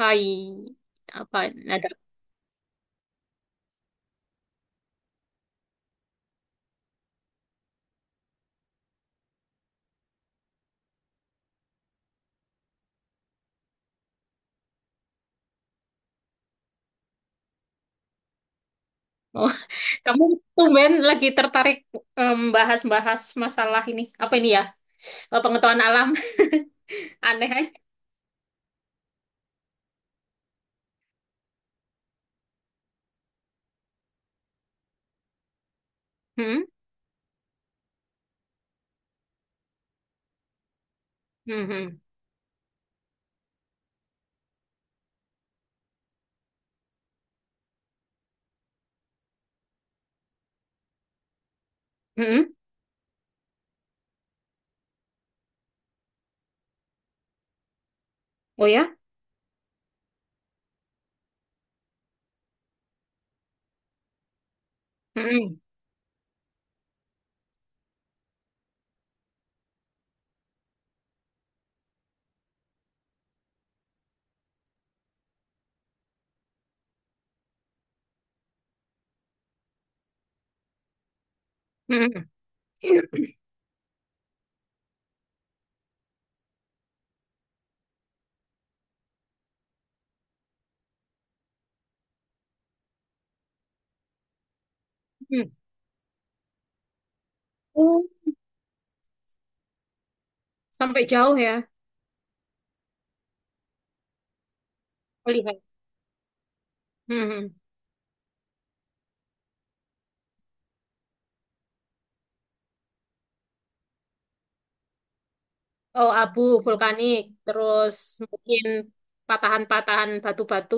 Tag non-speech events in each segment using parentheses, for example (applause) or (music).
Hai, apa ada? Oh, (laughs) kamu tumben lagi tertarik bahas-bahas masalah ini. Apa ini ya? Eh, pengetahuan alam. (laughs) Aneh kan? Hmm? Hmm, hmm, hmm. Oh ya? Hmm, hmm, hmm. Hmm. Oh, sampai jauh ya. Oh, lihat. Hmm, hmm. Oh, abu vulkanik, terus mungkin patahan-patahan batu-batu.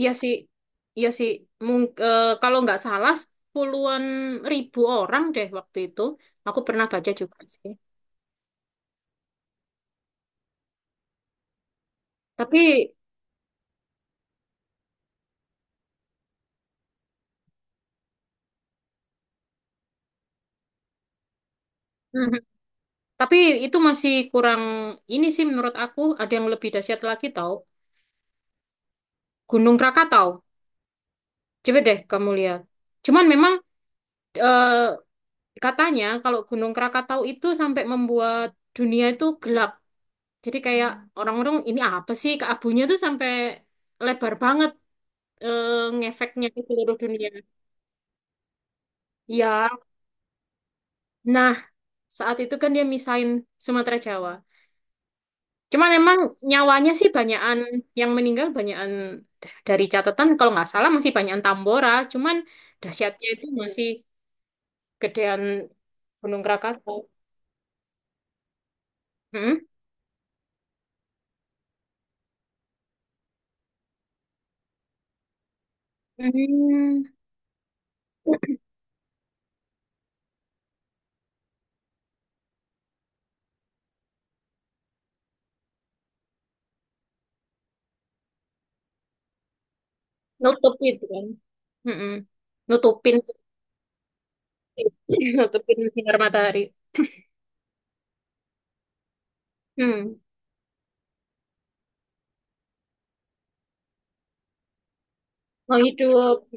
Iya sih, iya sih. Kalau nggak salah puluhan ribu orang deh waktu itu. Aku pernah baca juga sih. Tapi, mhm, tapi itu masih kurang, ini sih menurut aku ada yang lebih dahsyat lagi, tau. Gunung Krakatau. Coba deh kamu lihat. Cuman memang, eh, katanya kalau Gunung Krakatau itu sampai membuat dunia itu gelap. Jadi kayak orang-orang ini apa sih, keabunya tuh sampai lebar banget, eh, ngefeknya ke seluruh dunia. Ya, nah saat itu kan dia misain Sumatera Jawa. Cuman emang nyawanya sih banyakan yang meninggal, banyakan dari catatan kalau nggak salah masih banyakan Tambora. Cuman dahsyatnya itu masih gedean Gunung Krakatau. Mm-mm. Hmm. Nutupin itu kan. Mm-mm. Nutupin (laughs) nutupin sinar matahari. Hmm. Mau hidup.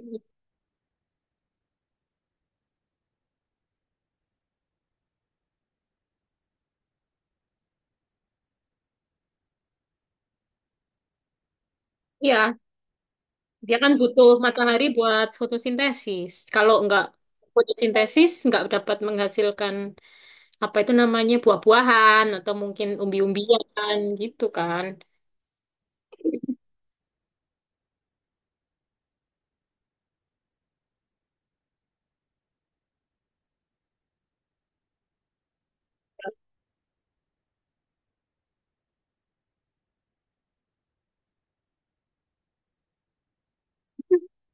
Ya, dia kan butuh matahari buat fotosintesis. Kalau nggak fotosintesis, nggak dapat menghasilkan apa itu namanya, buah-buahan atau mungkin umbi-umbian gitu kan.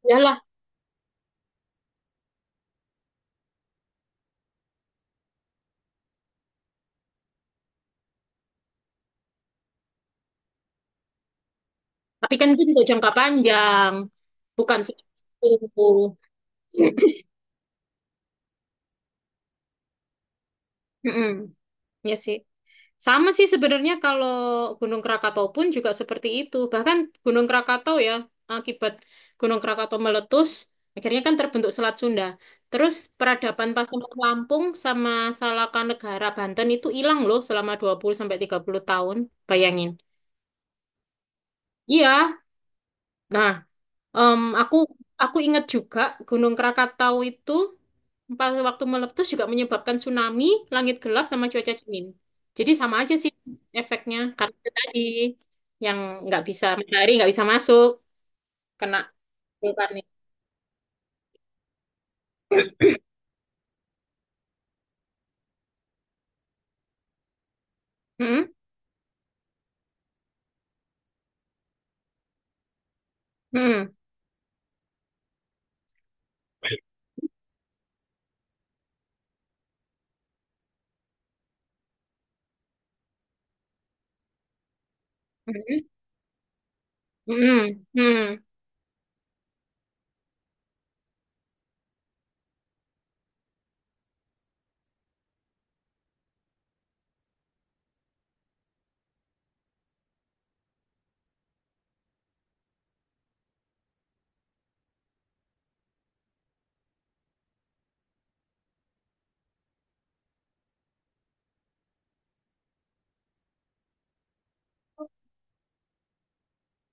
Ya lah, tapi kan itu untuk jangka panjang, bukan seperti itu. (clears throat) Mm-mm. Ya sih. Sama sih sebenarnya, kalau Gunung Krakatau pun juga seperti itu. Bahkan Gunung Krakatau ya, akibat Gunung Krakatau meletus, akhirnya kan terbentuk Selat Sunda. Terus peradaban Pasaman Lampung sama Salaka Negara Banten itu hilang loh selama 20 sampai 30 tahun. Bayangin. Iya. Nah, em, aku aku ingat juga Gunung Krakatau itu pada waktu meletus juga menyebabkan tsunami, langit gelap, sama cuaca dingin. Jadi sama aja sih efeknya. Karena itu tadi yang nggak bisa, matahari nggak bisa masuk, kena vulkanik. Mm-mm, mm-mm, mm-mm, mm-mm,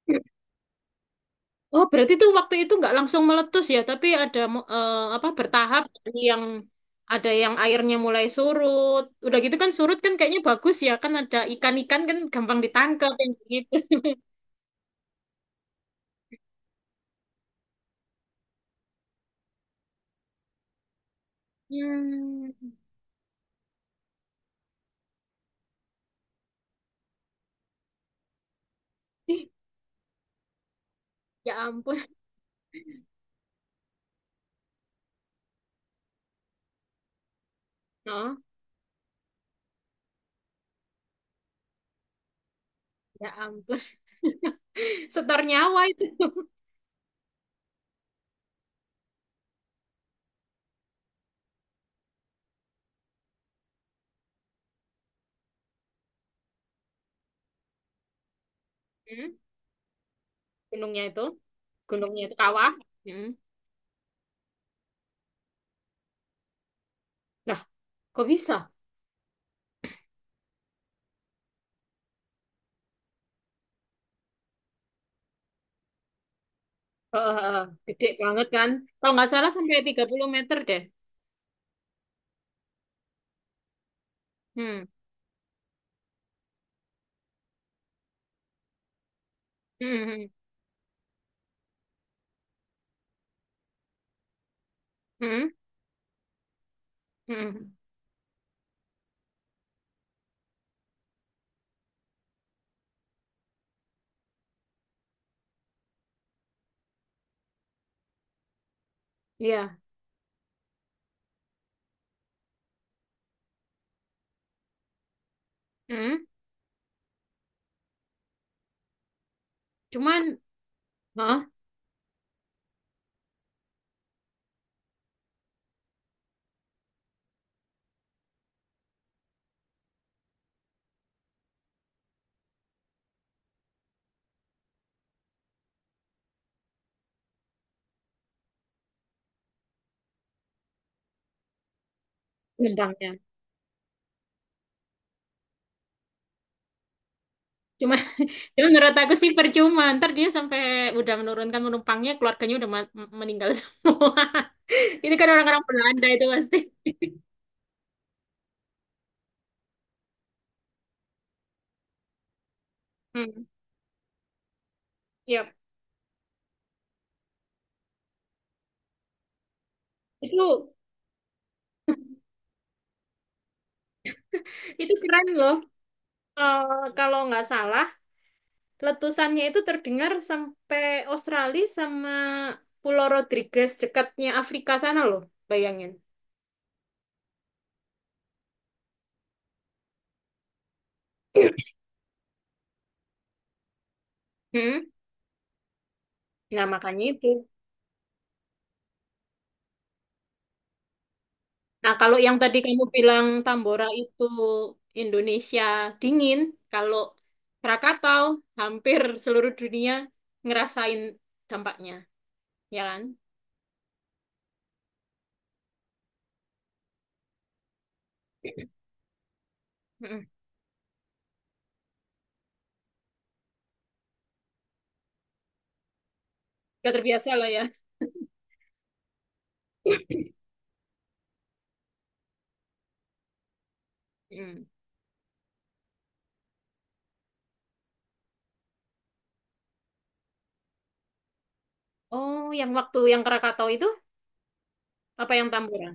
mm. Oh, berarti tuh waktu itu nggak langsung meletus ya, tapi ada apa, bertahap. Ada yang airnya mulai surut. Udah gitu kan, surut kan kayaknya bagus ya, kan ada ikan-ikan kan gampang ditangkap yang gitu. (laughs) Hmm. Ih, ya ampun. Oh. Ya ampun. (laughs) Setor nyawa itu. Hmm, Gunungnya itu. Gunungnya itu kawah. Hmm. Nah, kok bisa? Eh, eh, eh, gede banget kan? Kalau nggak salah sampai 30 meter deh. Hmm. Hmm. Hmm. Hmm. Hmm. Iya. Hmm. Cuman, hah? Gendangnya. Cuman, cuman, (laughs) menurut aku sih percuma. Ntar dia sampai udah menurunkan penumpangnya, keluarganya udah meninggal semua. (laughs) Ini kan orang-orang Belanda itu pasti. (laughs) Hmm. Iya. Itu Itu keren loh. Eh, kalau nggak salah, letusannya itu terdengar sampai Australia sama Pulau Rodriguez, dekatnya Afrika sana loh. Bayangin. Hmm? Nah, makanya itu. Nah, kalau yang tadi kamu bilang Tambora itu Indonesia dingin, kalau Krakatau hampir seluruh dunia ngerasain dampaknya, ya kan? Mm-mm. Udah terbiasa lah ya. Mm. Oh, yang waktu yang Krakatau itu apa yang Tambora?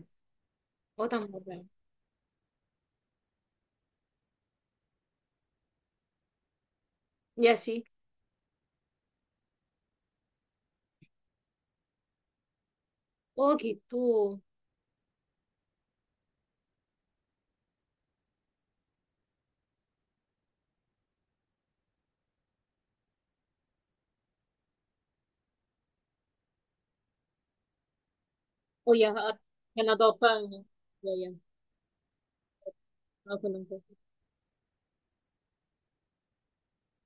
Oh, tambah. Ya sih. Oh, gitu. Oh ya, heeh. Kena topeng. Ya, ya. Aku nangkep.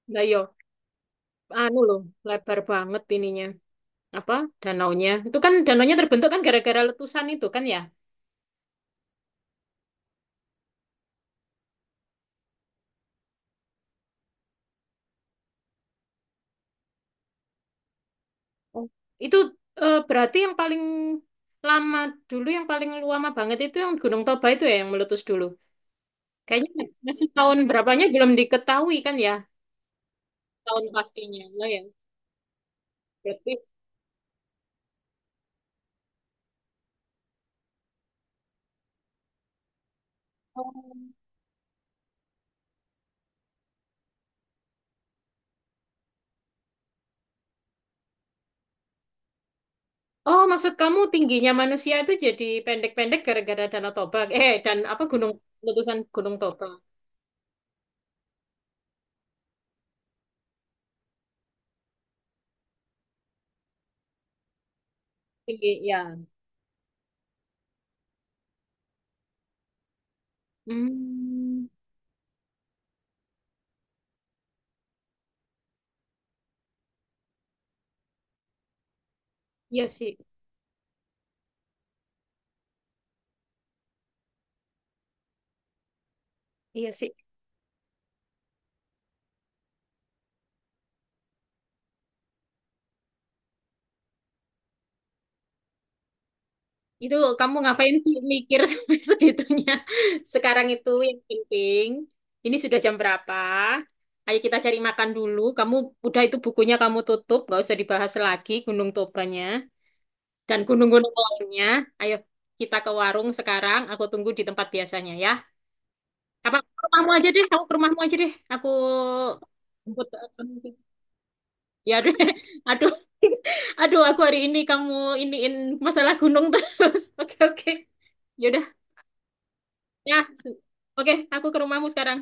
Nah, yo, anu loh, lebar banget ininya. Apa? Danaunya. Itu kan danaunya terbentuk kan gara-gara letusan itu kan ya? Oh. Itu, berarti yang paling lama dulu, yang paling lama banget itu yang Gunung Toba itu ya yang meletus dulu. Kayaknya masih tahun berapanya belum diketahui kan ya? Tahun pastinya. Lah ya. Berarti, oh, oh, maksud kamu tingginya manusia itu jadi pendek-pendek gara-gara Danau Toba. Eh, dan apa, gunung letusan Gunung Toba. Tinggi, ya. Hmm, iya sih. Iya sih. Itu kamu ngapain sih mikir (laughs) sampai segitunya? Sekarang itu yang penting. Ini sudah jam berapa? Ayo kita cari makan dulu. Kamu udah, itu bukunya kamu tutup, nggak usah dibahas lagi Gunung Tobanya dan gunung-gunung lainnya. Ayo kita ke warung sekarang. Aku tunggu di tempat biasanya ya. Apa ke rumahmu aja deh, aku ke rumahmu aja deh. Aku jemput, eh, kamu aja. Ya aduh, (laughs) aduh, (laughs) aduh, aku hari ini kamu iniin masalah gunung terus. (laughs) Oke, oke. Yaudah, ya. Oke, aku ke rumahmu sekarang.